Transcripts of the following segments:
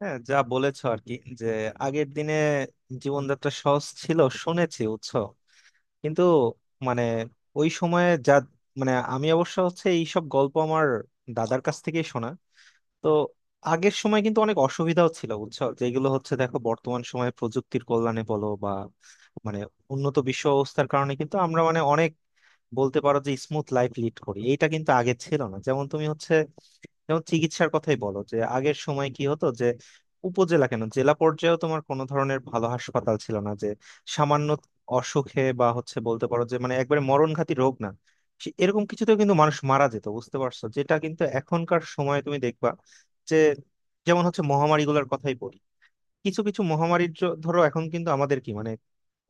হ্যাঁ, যা বলেছ আর কি। যে আগের দিনে জীবনযাত্রা সহজ ছিল শুনেছি উৎস, কিন্তু মানে ওই সময়ে যা, মানে আমি অবশ্য হচ্ছে এইসব গল্প আমার দাদার কাছ থেকেই শোনা। তো আগের সময় কিন্তু অনেক অসুবিধাও ছিল বুঝছো, যেগুলো হচ্ছে দেখো বর্তমান সময়ে প্রযুক্তির কল্যাণে বলো বা মানে উন্নত বিশ্ব অবস্থার কারণে কিন্তু আমরা মানে অনেক বলতে পারো যে স্মুথ লাইফ লিড করি, এইটা কিন্তু আগে ছিল না। যেমন তুমি হচ্ছে, যেমন চিকিৎসার কথাই বলো, যে আগের সময় কি হতো যে উপজেলা কেন জেলা পর্যায়েও তোমার কোনো ধরনের ভালো হাসপাতাল ছিল না, যে সামান্য অসুখে বা হচ্ছে বলতে পারো যে মানে একবারে মরণঘাতী রোগ না, এরকম কিছুতেও কিন্তু মানুষ মারা যেত। বুঝতে পারছো, যেটা কিন্তু এখনকার সময়ে তুমি দেখবা যে যেমন হচ্ছে মহামারী গুলার কথাই বলি, কিছু কিছু মহামারীর ধরো এখন কিন্তু আমাদের কি মানে,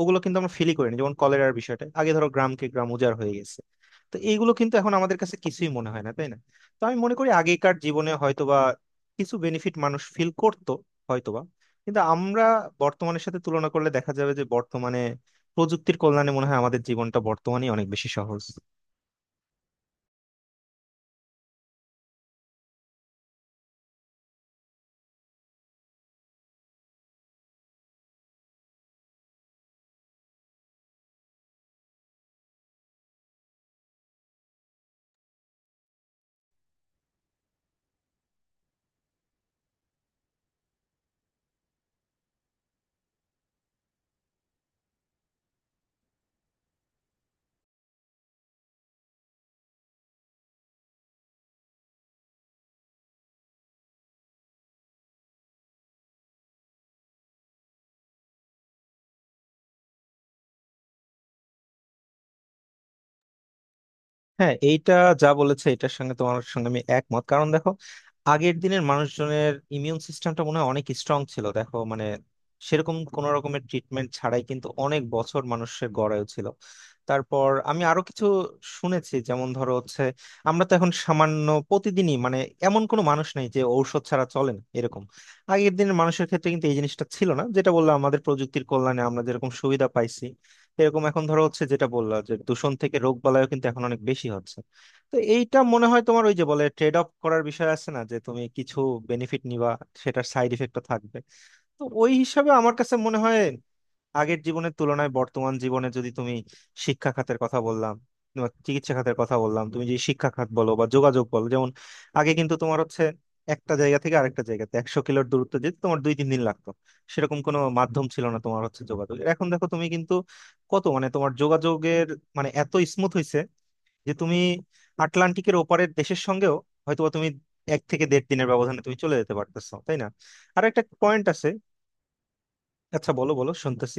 ওগুলো কিন্তু আমরা ফিলই করিনি। যেমন কলেরার বিষয়টা, আগে ধরো গ্রামকে গ্রাম উজাড় হয়ে গেছে, তো এইগুলো কিন্তু এখন আমাদের কাছে কিছুই মনে হয় না, তাই না? তো আমি মনে করি আগেকার জীবনে হয়তোবা কিছু বেনিফিট মানুষ ফিল করতো হয়তোবা, কিন্তু আমরা বর্তমানের সাথে তুলনা করলে দেখা যাবে যে বর্তমানে প্রযুক্তির কল্যাণে মনে হয় আমাদের জীবনটা বর্তমানেই অনেক বেশি সহজ। হ্যাঁ, এইটা যা বলেছে এটার সঙ্গে, তোমার সঙ্গে আমি একমত। কারণ দেখো, আগের দিনের মানুষজনের ইমিউন সিস্টেমটা মনে হয় অনেক স্ট্রং ছিল। দেখো মানে সেরকম কোন রকমের ট্রিটমেন্ট ছাড়াই কিন্তু অনেক বছর মানুষের গড়ায় ছিল। তারপর আমি আরো কিছু শুনেছি, যেমন ধরো হচ্ছে আমরা তো এখন সামান্য প্রতিদিনই মানে এমন কোনো মানুষ নেই যে ঔষধ ছাড়া চলে না, এরকম আগের দিনের মানুষের ক্ষেত্রে কিন্তু এই জিনিসটা ছিল না। যেটা বললাম, আমাদের প্রযুক্তির কল্যাণে আমরা যেরকম সুবিধা পাইছি, এরকম এখন ধরো হচ্ছে যেটা বললা যে দূষণ থেকে রোগ বালাইও কিন্তু এখন অনেক বেশি হচ্ছে। তো এইটা মনে হয় তোমার ওই যে বলে ট্রেড অফ করার বিষয় আছে না, যে তুমি কিছু বেনিফিট নিবা, সেটার সাইড ইফেক্টও থাকবে। তো ওই হিসাবে আমার কাছে মনে হয় আগের জীবনের তুলনায় বর্তমান জীবনে, যদি তুমি শিক্ষা খাতের কথা বললাম বা চিকিৎসা খাতের কথা বললাম, তুমি যে শিক্ষা খাত বলো বা যোগাযোগ বলো, যেমন আগে কিন্তু তোমার হচ্ছে একটা জায়গা থেকে আরেকটা জায়গাতে 100 কিলোর দূরত্ব যেতে তোমার 2 3 দিন লাগতো, সেরকম কোনো মাধ্যম ছিল না তোমার হচ্ছে যোগাযোগ। এখন দেখো তুমি কিন্তু কত মানে তোমার যোগাযোগের মানে এত স্মুথ হয়েছে যে তুমি আটলান্টিকের ওপারের দেশের সঙ্গেও হয়তোবা তুমি 1 থেকে দেড় দিনের ব্যবধানে তুমি চলে যেতে পারতেছো, তাই না? আর একটা পয়েন্ট আছে। আচ্ছা, বলো বলো, শুনতেছি।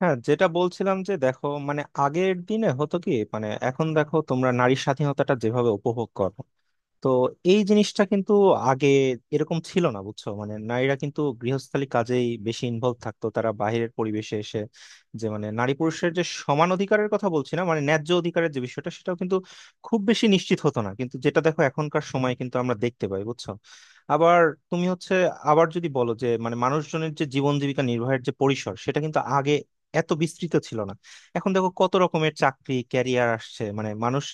হ্যাঁ, যেটা বলছিলাম যে দেখো মানে আগের দিনে হতো কি মানে এখন দেখো তোমরা নারী স্বাধীনতাটা যেভাবে উপভোগ করো, তো এই জিনিসটা কিন্তু আগে এরকম ছিল না বুঝছো। মানে নারীরা কিন্তু গৃহস্থালী কাজেই বেশি ইনভলভ থাকতো, তারা বাইরের পরিবেশে এসে যে মানে নারী পুরুষের যে সমান অধিকারের কথা বলছি না মানে ন্যায্য অধিকারের যে বিষয়টা, সেটাও কিন্তু খুব বেশি নিশ্চিত হতো না, কিন্তু যেটা দেখো এখনকার সময় কিন্তু আমরা দেখতে পাই বুঝছো। আবার তুমি হচ্ছে আবার যদি বলো যে মানে মানুষজনের যে জীবন জীবিকা নির্বাহের যে পরিসর, সেটা কিন্তু আগে এত বিস্তৃত ছিল না। এখন দেখো কত রকমের চাকরি ক্যারিয়ার আসছে, মানে মানুষ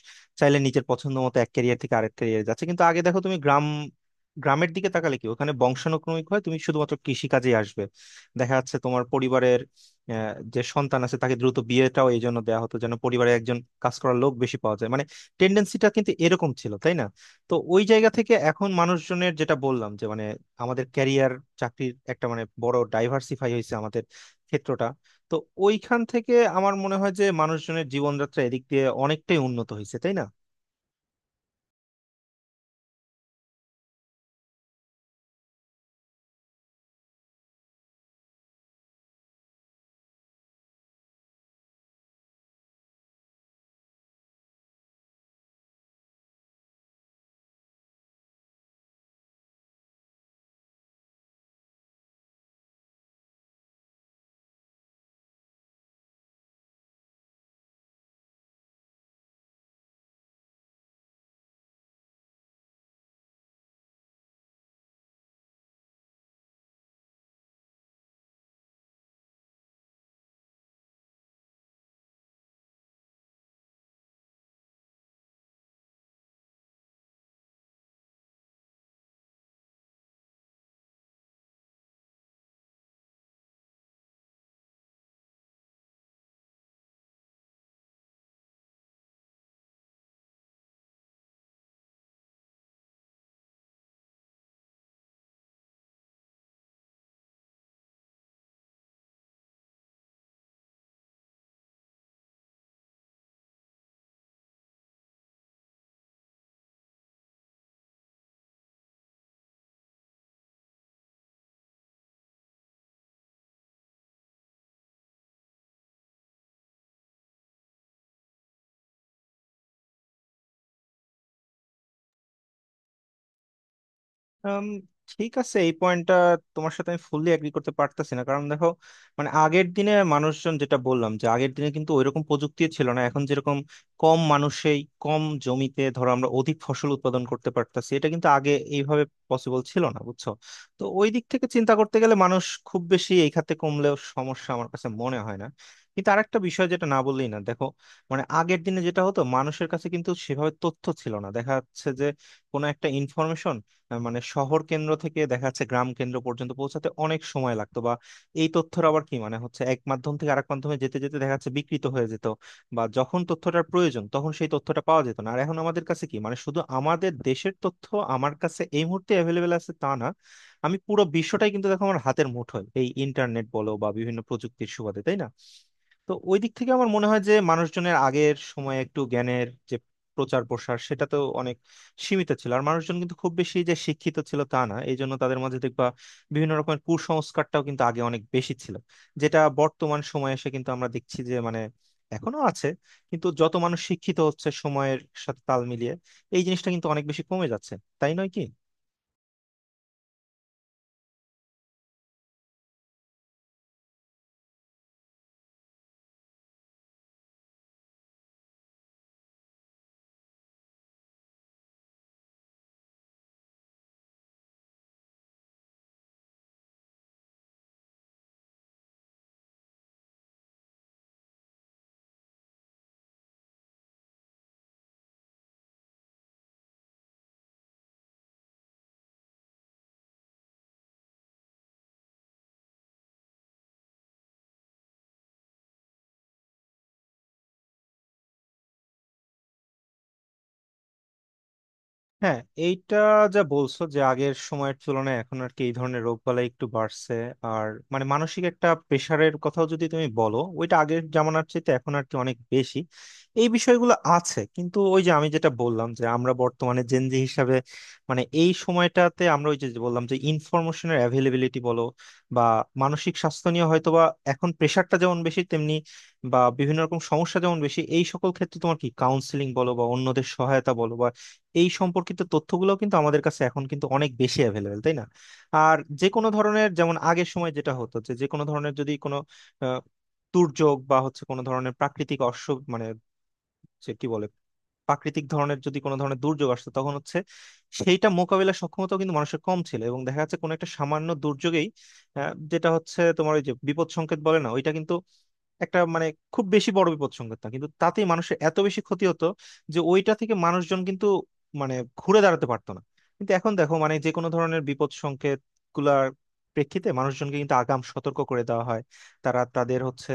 চাইলে নিজের পছন্দ মতো এক ক্যারিয়ার থেকে আরেক ক্যারিয়ার যাচ্ছে। কিন্তু আগে দেখো তুমি গ্রামের দিকে তাকালে কি ওখানে বংশানুক্রমিক হয় তুমি শুধুমাত্র কৃষিকাজে আসবে। দেখা যাচ্ছে তোমার পরিবারের যে সন্তান আছে তাকে দ্রুত বিয়েটাও এই জন্য দেওয়া হতো যেন পরিবারে একজন কাজ করার লোক বেশি পাওয়া যায়। মানে টেন্ডেন্সিটা কিন্তু এরকম ছিল, তাই না? তো ওই জায়গা থেকে এখন মানুষজনের, যেটা বললাম যে মানে আমাদের ক্যারিয়ার, চাকরির একটা মানে বড় ডাইভার্সিফাই হয়েছে আমাদের ক্ষেত্রটা। তো ওইখান থেকে আমার মনে হয় যে মানুষজনের জীবনযাত্রা এদিক দিয়ে অনেকটাই উন্নত হয়েছে, তাই না? উম, ঠিক আছে, এই পয়েন্টটা তোমার সাথে আমি ফুললি এগ্রি করতে পারতাছি না। কারণ দেখো, মানে আগের দিনে মানুষজন, যেটা বললাম যে আগের দিনে কিন্তু ওইরকম প্রযুক্তি ছিল না। এখন যেরকম কম মানুষেই কম জমিতে ধরো আমরা অধিক ফসল উৎপাদন করতে পারতাছি, এটা কিন্তু আগে এইভাবে পসিবল ছিল না বুঝছো। তো ওই দিক থেকে চিন্তা করতে গেলে মানুষ খুব বেশি এই খাতে কমলেও সমস্যা আমার কাছে মনে হয় না। কিন্তু আরেকটা বিষয় যেটা না বললেই না, দেখো মানে আগের দিনে যেটা হতো, মানুষের কাছে কিন্তু সেভাবে তথ্য ছিল না। দেখা যাচ্ছে যে কোনো একটা ইনফরমেশন মানে শহর কেন্দ্র থেকে দেখা যাচ্ছে গ্রাম কেন্দ্র পর্যন্ত পৌঁছাতে অনেক সময় লাগতো, বা এই তথ্যের আবার কি মানে হচ্ছে এক মাধ্যম থেকে আরেক মাধ্যমে যেতে যেতে দেখা যাচ্ছে বিকৃত হয়ে যেত, বা যখন তথ্যটার প্রয়োজন তখন সেই তথ্যটা পাওয়া যেত না। আর এখন আমাদের কাছে কি, মানে শুধু আমাদের দেশের তথ্য আমার কাছে এই মুহূর্তে অ্যাভেলেবেল আছে তা না, আমি পুরো বিশ্বটাই কিন্তু দেখো আমার হাতের মুঠোয়, এই ইন্টারনেট বলো বা বিভিন্ন প্রযুক্তির সুবাদে, তাই না? তো ওই দিক থেকে আমার মনে হয় যে মানুষজনের আগের সময়ে একটু জ্ঞানের যে প্রচার প্রসার, সেটা তো অনেক সীমিত ছিল। আর মানুষজন কিন্তু খুব বেশি যে শিক্ষিত ছিল তা না, এই জন্য তাদের মাঝে দেখবা বিভিন্ন রকমের কুসংস্কারটাও কিন্তু আগে অনেক বেশি ছিল, যেটা বর্তমান সময়ে এসে কিন্তু আমরা দেখছি যে মানে এখনো আছে, কিন্তু যত মানুষ শিক্ষিত হচ্ছে সময়ের সাথে তাল মিলিয়ে এই জিনিসটা কিন্তু অনেক বেশি কমে যাচ্ছে, তাই নয় কি? হ্যাঁ, এইটা যা বলছো যে আগের সময়ের তুলনায় এখন আর কি এই ধরনের রোগবালাই একটু বাড়ছে। আর মানে মানসিক একটা প্রেশারের কথাও যদি তুমি বলো, ওইটা আগের জামানার চেয়ে এখন আর কি অনেক বেশি, এই বিষয়গুলো আছে। কিন্তু ওই যে আমি যেটা বললাম যে আমরা বর্তমানে জেনজি হিসাবে মানে এই সময়টাতে আমরা ওই যে যে বললাম যে ইনফরমেশনের অ্যাভেলেবিলিটি বলো বা মানসিক স্বাস্থ্য নিয়ে হয়তো বা এখন প্রেশারটা যেমন বেশি তেমনি বা বিভিন্ন রকম সমস্যা যেমন বেশি, এই সকল ক্ষেত্রে তোমার কি কাউন্সিলিং বলো বা অন্যদের সহায়তা বলো, এই সম্পর্কিত তথ্যগুলো কিন্তু আমাদের কাছে এখন কিন্তু অনেক বেশি অ্যাভেলেবেল, তাই না? আর যে কোনো ধরনের, যেমন আগের সময় যেটা হতো যে যে কোনো ধরনের যদি কোনো আহ, দুর্যোগ বা হচ্ছে কোনো ধরনের প্রাকৃতিক অস্য মানে, যে কি বলে, প্রাকৃতিক ধরনের যদি কোনো ধরনের দুর্যোগ আসতো, তখন হচ্ছে সেইটা মোকাবিলার সক্ষমতা কিন্তু মানুষের কম ছিল, এবং দেখা যাচ্ছে কোনো একটা সামান্য দুর্যোগেই যেটা হচ্ছে তোমার ওই যে বিপদ সংকেত বলে না, ওইটা কিন্তু একটা মানে খুব বেশি বড় বিপদ সংকেত না, কিন্তু তাতেই মানুষের এত বেশি ক্ষতি হতো যে ওইটা থেকে মানুষজন কিন্তু মানে ঘুরে দাঁড়াতে পারতো না। কিন্তু এখন দেখো মানে যে কোনো ধরনের বিপদ সংকেত গুলার প্রেক্ষিতে মানুষজনকে কিন্তু আগাম সতর্ক করে দেওয়া হয়, তারা তাদের হচ্ছে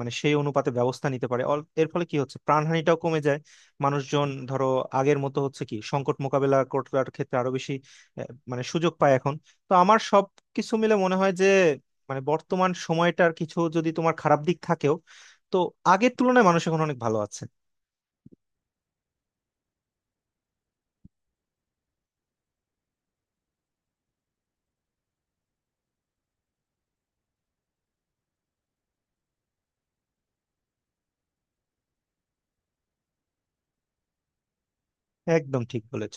মানে সেই অনুপাতে ব্যবস্থা নিতে পারে। এর ফলে কি হচ্ছে প্রাণহানিটাও কমে যায়, মানুষজন ধরো আগের মতো হচ্ছে কি সংকট মোকাবেলা করার ক্ষেত্রে আরো বেশি মানে সুযোগ পায় এখন। তো আমার সব কিছু মিলে মনে হয় যে মানে বর্তমান সময়টার কিছু যদি তোমার খারাপ দিক থাকেও, তো আগের তুলনায় মানুষ এখন অনেক ভালো আছে। একদম ঠিক বলেছ।